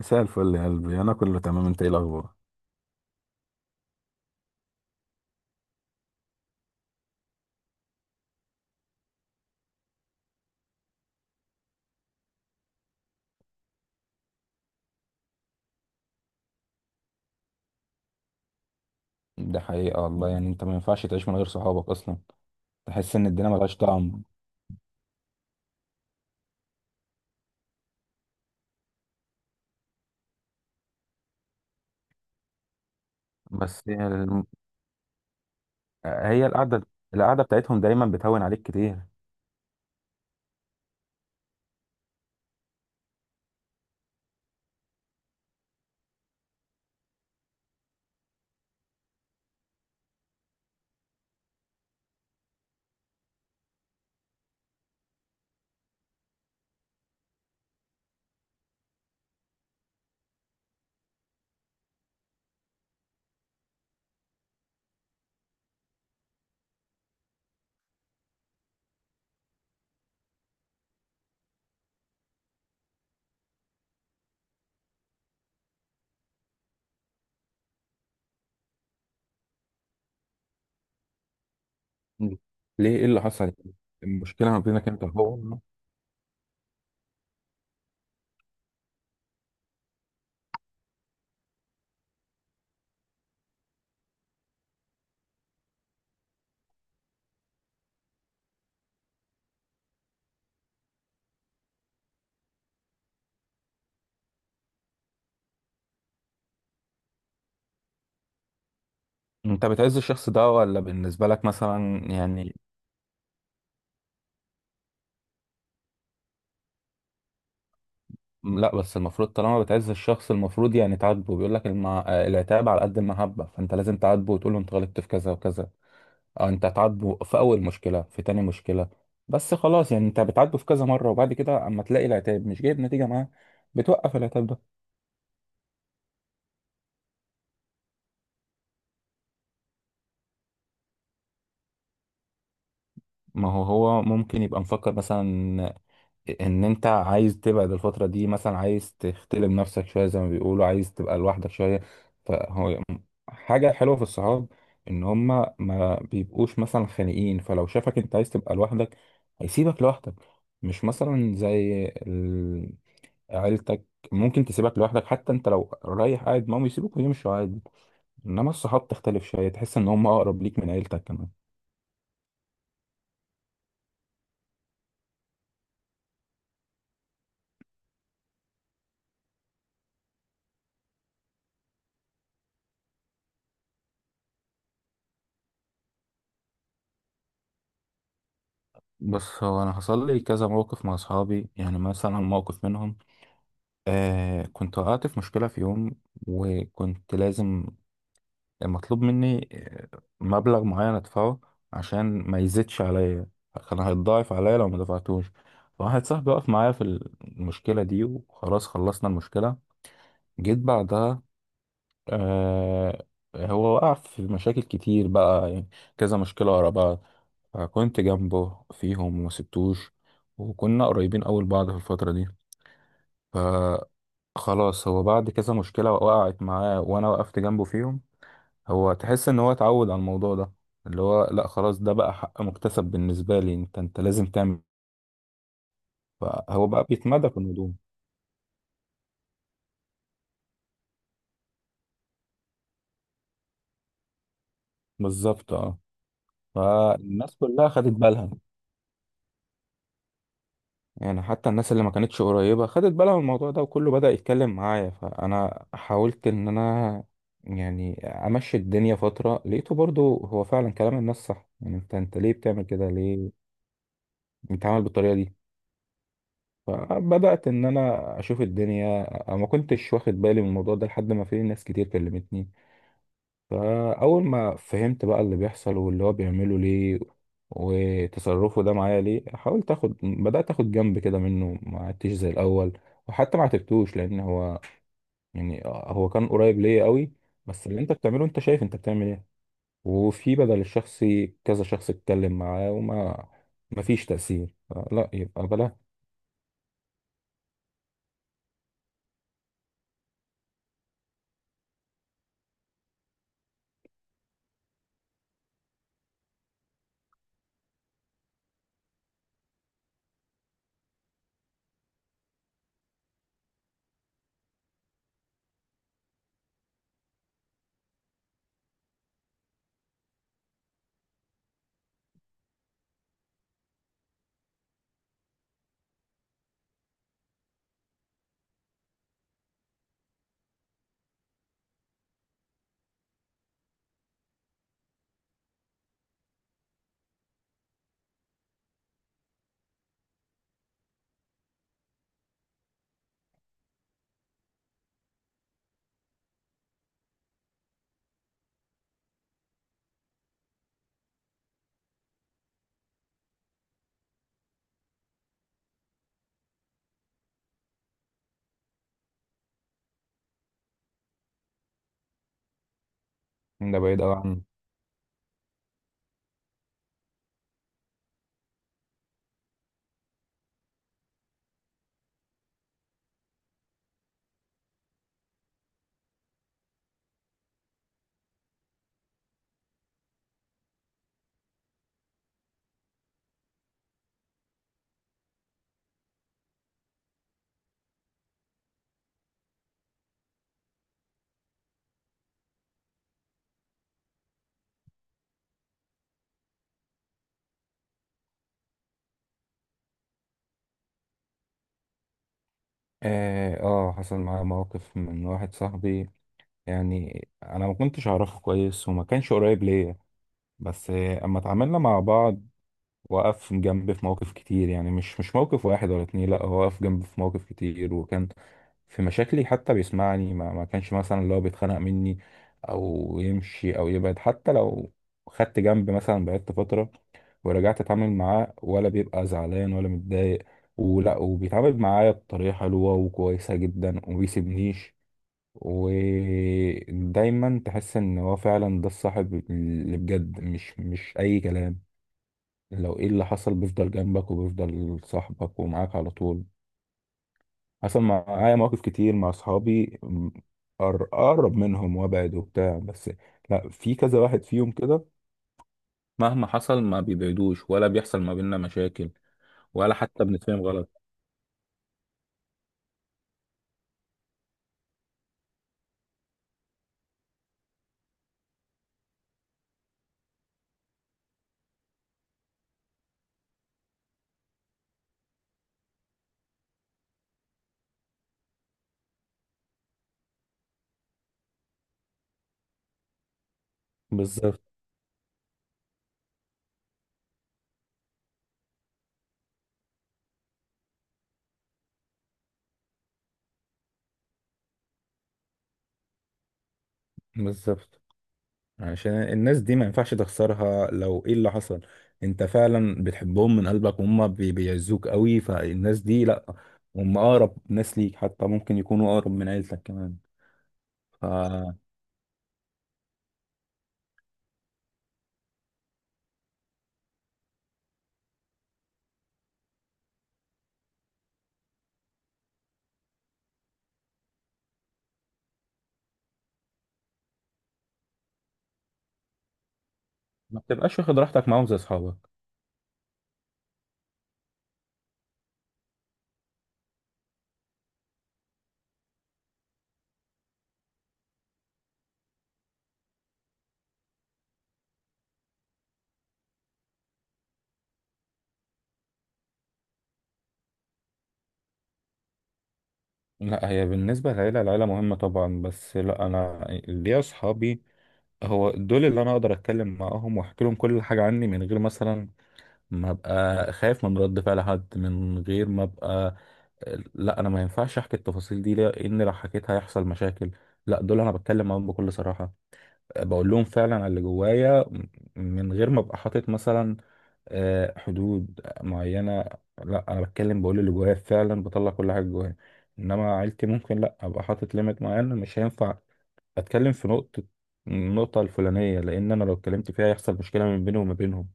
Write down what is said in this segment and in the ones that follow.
مساء الفل يا قلبي، انا كله تمام. انت ايه الاخبار؟ ده حقيقة والله، يعني انت ما ينفعش تعيش من غير صحابك اصلا. تحس ان الدنيا ملهاش طعم. بس هي القعده. القعده بتاعتهم دايما بتهون عليك كتير. مم. ليه، ايه اللي حصل؟ المشكلة ما بينك انت هو؟ انت بتعز الشخص ده ولا بالنسبة لك مثلا، يعني؟ لا، بس المفروض طالما بتعز الشخص المفروض يعني تعاتبه، بيقول لك العتاب على قد المحبة، فانت لازم تعاتبه وتقول له انت غلطت في كذا وكذا. انت هتعاتبه في اول مشكله، في تاني مشكله، بس خلاص. يعني انت بتعاتبه في كذا مره، وبعد كده اما تلاقي العتاب مش جايب نتيجه معاه بتوقف العتاب ده. ما هو هو ممكن يبقى مفكر مثلا ان انت عايز تبعد الفتره دي، مثلا عايز تختلم نفسك شويه، زي ما بيقولوا عايز تبقى لوحدك شويه. فهو حاجه حلوه في الصحاب، ان هما ما بيبقوش مثلا خانقين. فلو شافك انت عايز تبقى لوحدك هيسيبك لوحدك. مش مثلا زي عيلتك، ممكن تسيبك لوحدك، حتى انت لو رايح قاعد معاهم يسيبوك ويمشوا عادي. انما الصحاب تختلف شويه، تحس ان هم اقرب ليك من عيلتك كمان. بس هو انا حصل لي كذا موقف مع اصحابي، يعني مثلا موقف منهم. كنت وقعت في مشكله في يوم، وكنت لازم، مطلوب مني مبلغ معين ادفعه عشان ما يزيدش عليا، كان هيتضاعف عليا لو ما دفعتوش. واحد صاحبي وقف معايا في المشكله دي، وخلاص خلصنا المشكله. جيت بعدها، آه هو وقع في مشاكل كتير بقى، يعني كذا مشكلة ورا بعض، فكنت جنبه فيهم وما سبتوش، وكنا قريبين أوي لبعض في الفترة دي. فخلاص هو بعد كذا مشكلة وقعت معاه وأنا وقفت جنبه فيهم، هو تحس إن هو اتعود على الموضوع ده، اللي هو لأ خلاص ده بقى حق مكتسب بالنسبة لي. أنت لازم تعمل. فهو بقى بيتمادى في الموضوع. بالظبط، اه. فالناس كلها خدت بالها، يعني حتى الناس اللي ما كانتش قريبة خدت بالها من الموضوع ده وكله بدأ يتكلم معايا. فأنا حاولت إن أنا يعني أمشي الدنيا فترة، لقيته برضو هو فعلا كلام الناس صح. يعني أنت ليه بتعمل كده، ليه بتتعامل بالطريقة دي؟ فبدأت إن أنا أشوف الدنيا، أنا ما كنتش واخد بالي من الموضوع ده لحد ما في ناس كتير كلمتني. فأول ما فهمت بقى اللي بيحصل واللي هو بيعمله ليه، وتصرفه ده معايا ليه، حاولت اخد بدأت اخد جنب كده منه، ما عدتش زي الأول. وحتى ما عاتبتوش، لأن هو يعني هو كان قريب ليا قوي. بس اللي انت بتعمله، انت شايف انت بتعمل ايه؟ وفي بدل الشخصي كذا شخص اتكلم معاه وما ما فيش تأثير. لا يبقى بلا. ده بعيد قوي عنه. اه، حصل معايا موقف من واحد صاحبي، يعني انا ما كنتش اعرفه كويس وما كانش قريب ليا. بس اما اتعاملنا مع بعض وقف جنبي في مواقف كتير، يعني مش موقف واحد ولا اتنين. لا هو وقف جنبي في مواقف كتير، وكان في مشاكلي حتى بيسمعني، ما كانش مثلا اللي هو بيتخانق مني او يمشي او يبعد. حتى لو خدت جنبي مثلا بعدت فترة ورجعت اتعامل معاه، ولا بيبقى زعلان ولا متضايق، ولا وبيتعامل معايا بطريقة حلوة وكويسة جدا، ومبيسيبنيش. ودايما تحس ان هو فعلا ده الصاحب اللي بجد، مش اي كلام. لو ايه اللي حصل بيفضل جنبك وبيفضل صاحبك ومعاك على طول. حصل معايا مواقف كتير مع اصحابي، اقرب منهم وابعد وبتاع. بس لا في كذا واحد فيهم كده، مهما حصل ما بيبعدوش، ولا بيحصل ما بيننا مشاكل، ولا حتى بنتفاهم غلط. بالظبط، بالظبط. عشان الناس دي ما ينفعش تخسرها. لو ايه اللي حصل انت فعلا بتحبهم من قلبك، وهم بيعزوك قوي. فالناس دي لا، هم اقرب ناس ليك، حتى ممكن يكونوا اقرب من عيلتك كمان. فما بتبقاش واخد راحتك معاهم زي اصحابك. لا هي بالنسبة للعيلة، العيلة مهمة طبعا. بس لا انا ليا اصحابي، هو دول اللي انا اقدر اتكلم معاهم واحكي لهم كل حاجة عني، من غير مثلا ما ابقى خايف من رد فعل حد، من غير ما ابقى، لا انا ما ينفعش احكي التفاصيل دي، لان لو حكيت هيحصل مشاكل. لا دول انا بتكلم معاهم بكل صراحه، بقول لهم فعلا على اللي جوايا، من غير ما ابقى حاطط مثلا حدود معينه. لا انا بتكلم، بقول اللي جوايا فعلا، بطلع كل حاجه جوايا. انما عيلتي ممكن لا ابقى حاطط ليميت معين، مش هينفع اتكلم في النقطه الفلانيه، لان انا لو اتكلمت فيها هيحصل مشكله من بيني وما بينهم.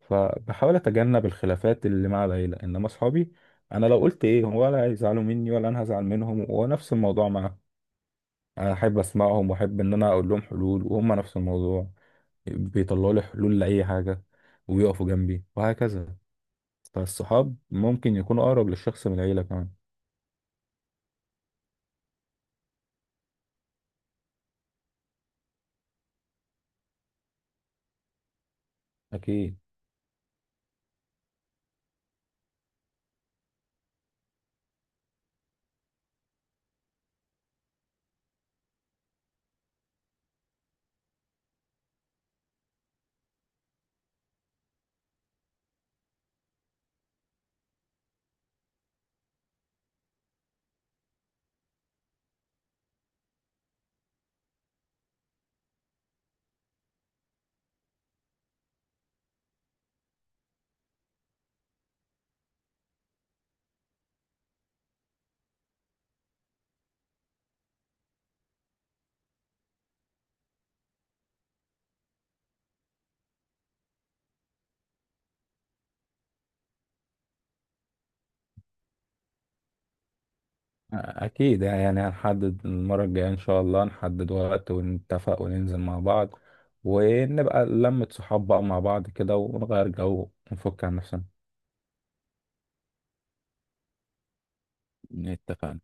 فبحاول اتجنب الخلافات اللي مع العيله. انما اصحابي انا لو قلت ايه هم، ولا هيزعلوا مني ولا انا هزعل منهم. ونفس الموضوع معاهم، انا احب اسمعهم واحب ان انا اقول لهم حلول، وهم نفس الموضوع بيطلعوا لي حلول لاي حاجه ويقفوا جنبي وهكذا. فالصحاب ممكن يكونوا اقرب للشخص من العيله كمان. اكيد. اكيد، يعني هنحدد المره الجايه ان شاء الله، نحدد وقت ونتفق وننزل مع بعض ونبقى لمة صحاب بقى مع بعض كده، ونغير جو ونفك عن نفسنا. اتفقنا.